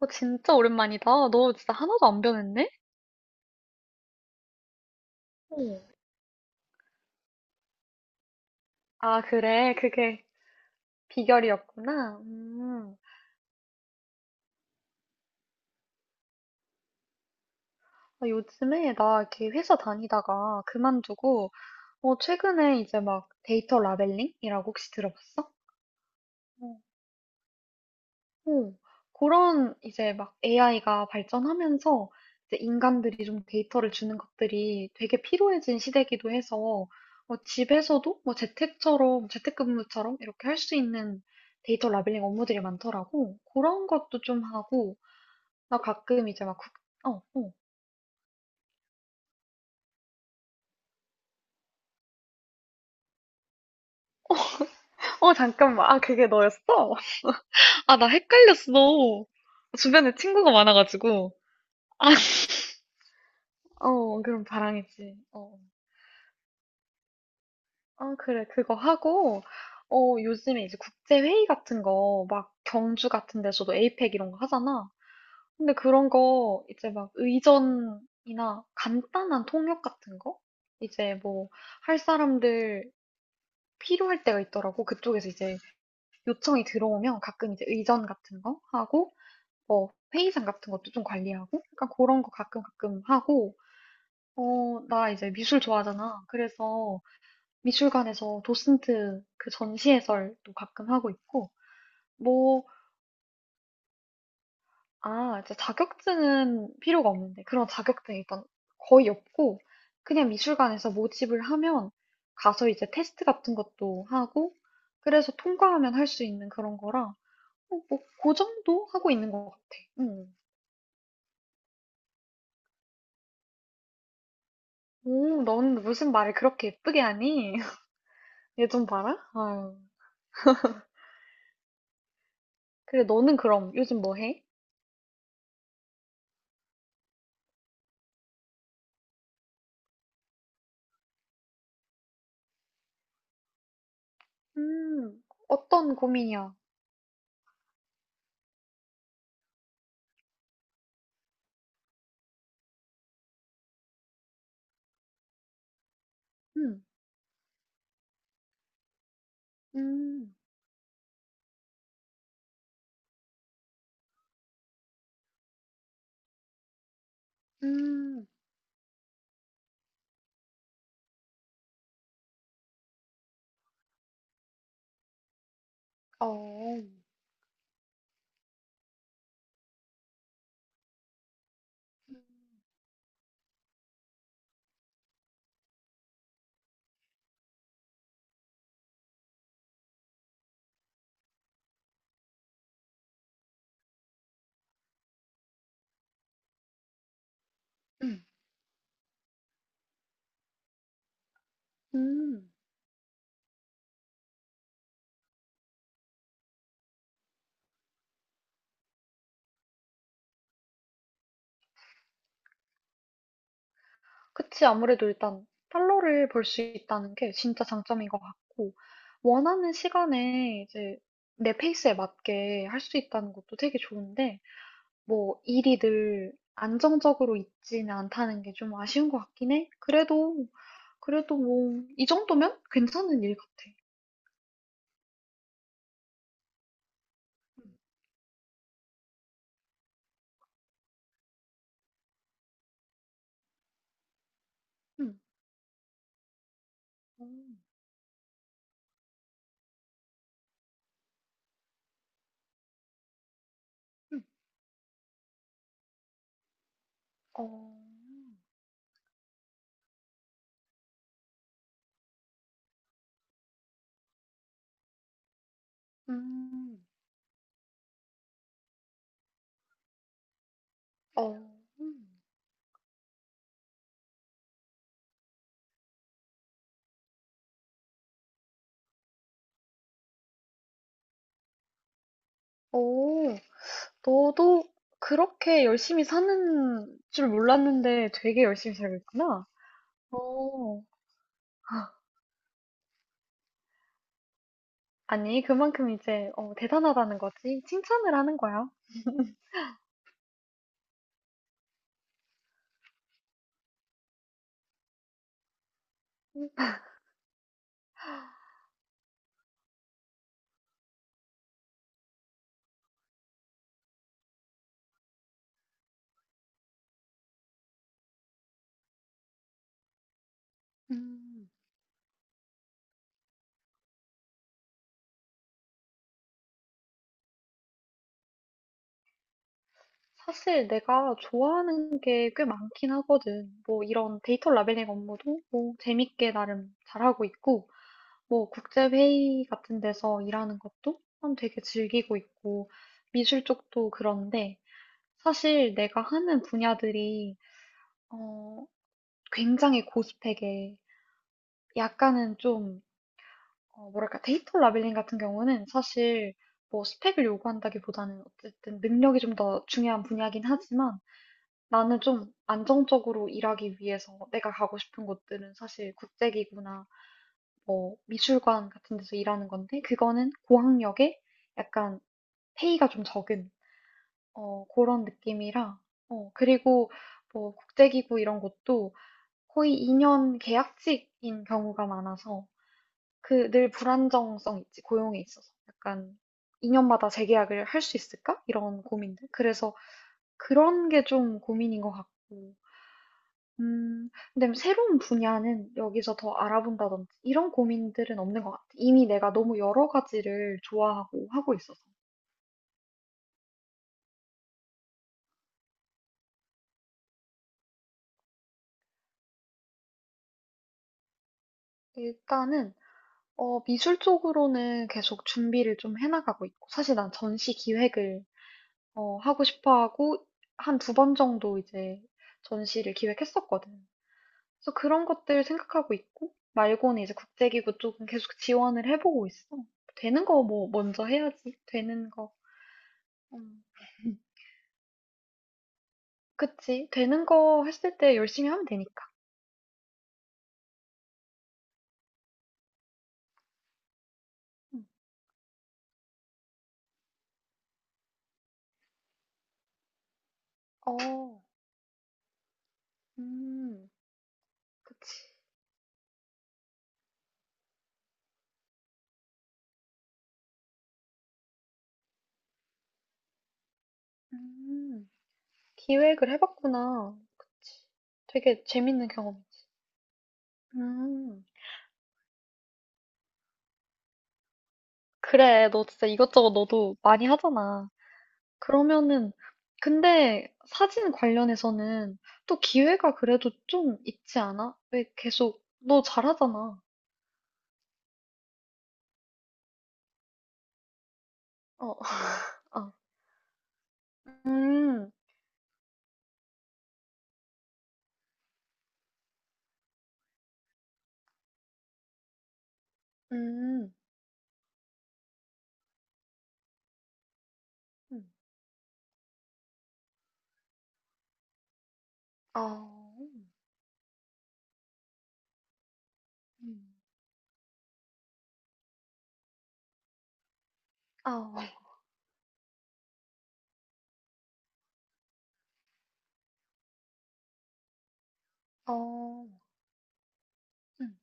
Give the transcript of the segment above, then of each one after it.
어, 진짜 오랜만이다. 너 진짜 하나도 안 변했네? 응. 아, 그래. 그게 비결이었구나. 음. 아, 요즘에 나 이렇게 회사 다니다가 그만두고, 최근에 이제 막 데이터 라벨링이라고 혹시 들어봤어? 오, 그런 이제 막 AI가 발전하면서 이제 인간들이 좀 데이터를 주는 것들이 되게 필요해진 시대이기도 해서 뭐 집에서도 뭐 재택처럼, 재택근무처럼 이렇게 할 수 있는 데이터 라벨링 업무들이 많더라고. 그런 것도 좀 하고, 나 가끔 이제 막. 어, 어. 어, 잠깐만. 아, 그게 너였어? 아, 나 헷갈렸어. 주변에 친구가 많아가지고. 어, 그럼 바랑이지. 어. 아, 그래. 그거 하고, 요즘에 이제 국제회의 같은 거, 막 경주 같은 데서도 에이펙 이런 거 하잖아. 근데 그런 거, 이제 막 의전이나 간단한 통역 같은 거? 이제 뭐, 할 사람들 필요할 때가 있더라고. 그쪽에서 이제 요청이 들어오면 가끔 이제 의전 같은 거 하고, 뭐, 회의장 같은 것도 좀 관리하고, 약간 그런 거 가끔 가끔 하고, 나 이제 미술 좋아하잖아. 그래서 미술관에서 도슨트 그 전시 해설도 가끔 하고 있고, 뭐, 아, 이제 자격증은 필요가 없는데, 그런 자격증이 일단 거의 없고, 그냥 미술관에서 모집을 하면 가서 이제 테스트 같은 것도 하고, 그래서 통과하면 할 수 있는 그런 거라, 뭐, 그 정도 하고 있는 것 같아. 응. 오, 넌 무슨 말을 그렇게 예쁘게 하니? 얘 좀 봐라? 아유. 그래, 너는 그럼 요즘 뭐 해? 음, 어떤 고민이야? 음, 음. 음, 어, 음, 음. 그치. 아무래도 일단 달러를 벌 수 있다는 게 진짜 장점인 것 같고, 원하는 시간에 이제 내 페이스에 맞게 할 수 있다는 것도 되게 좋은데, 뭐 일이 늘 안정적으로 있지는 않다는 게 좀 아쉬운 것 같긴 해. 그래도, 그래도 뭐, 이 정도면 괜찮은 일 같아. 음, 음, 음, 어, 음, 어, 음, 오. 너도 그렇게 열심히 사는 줄 몰랐는데 되게 열심히 살고 있구나. 어, 아니, 그만큼 이제 대단하다는 거지. 칭찬을 하는 거야. 음, 사실 내가 좋아하는 게 꽤 많긴 하거든. 뭐 이런 데이터 라벨링 업무도 뭐 재밌게 나름 잘하고 있고, 뭐 국제회의 같은 데서 일하는 것도 참 되게 즐기고 있고, 미술 쪽도 그런데 사실 내가 하는 분야들이 어, 굉장히 고스펙에 약간은 좀 뭐랄까 데이터 라벨링 같은 경우는 사실 뭐 스펙을 요구한다기보다는 어쨌든 능력이 좀 더 중요한 분야긴 하지만 나는 좀 안정적으로 일하기 위해서 내가 가고 싶은 곳들은 사실 국제기구나 뭐 미술관 같은 데서 일하는 건데 그거는 고학력에 약간 페이가 좀 적은 그런 느낌이라 그리고 뭐 국제기구 이런 것도 거의 2년 계약직인 경우가 많아서 그 늘 불안정성 있지, 고용에 있어서. 약간 2년마다 재계약을 할 수 있을까? 이런 고민들. 그래서 그런 게 좀 고민인 것 같고. 근데 새로운 분야는 여기서 더 알아본다든지 이런 고민들은 없는 것 같아. 이미 내가 너무 여러 가지를 좋아하고 하고 있어서. 일단은 미술 쪽으로는 계속 준비를 좀 해나가고 있고, 사실 난 전시 기획을 하고 싶어 하고 한 두 번 정도 이제 전시를 기획했었거든. 그래서 그런 것들 생각하고 있고, 말고는 이제 국제기구 쪽은 계속 지원을 해보고 있어. 되는 거 뭐 먼저 해야지. 되는 거. 음. 그치. 되는 거 했을 때 열심히 하면 되니까. 음. 어, 음, 그치. 음, 기획을 해봤구나. 그치. 되게 재밌는 경험이지. 음, 그래. 너 진짜 이것저것 너도 많이 하잖아. 그러면은 근데 사진 관련해서는 또 기회가 그래도 좀 있지 않아? 왜 계속 너 잘하잖아. 어, 어. 음, 음, 음. 어, 음. 어, 어, 음,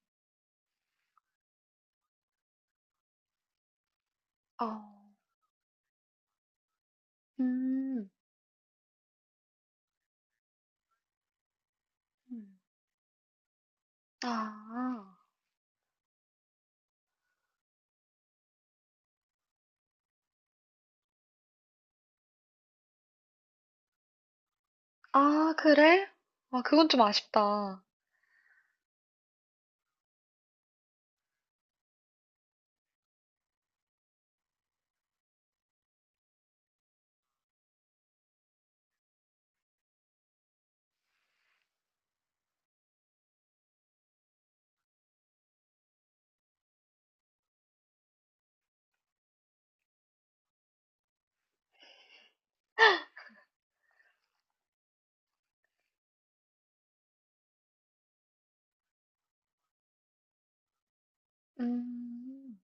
어, 음, 음. 아, 아, 그래? 아, 그건 좀 아쉽다. 음,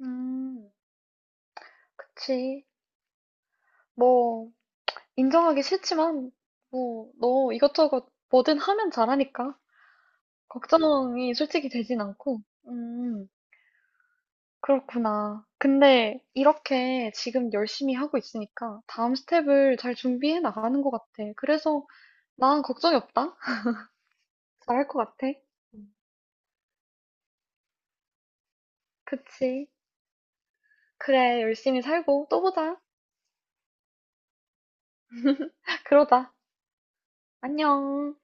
음, 그치. 뭐, 인정하기 싫지만, 뭐, 너 이것저것 뭐든 하면 잘하니까. 걱정이 솔직히 되진 않고. 음, 그렇구나. 근데 이렇게 지금 열심히 하고 있으니까 다음 스텝을 잘 준비해 나가는 것 같아. 그래서 난 걱정이 없다. 잘할 것 같아. 음, 그치. 그래, 열심히 살고 또 보자. 그러자. 안녕.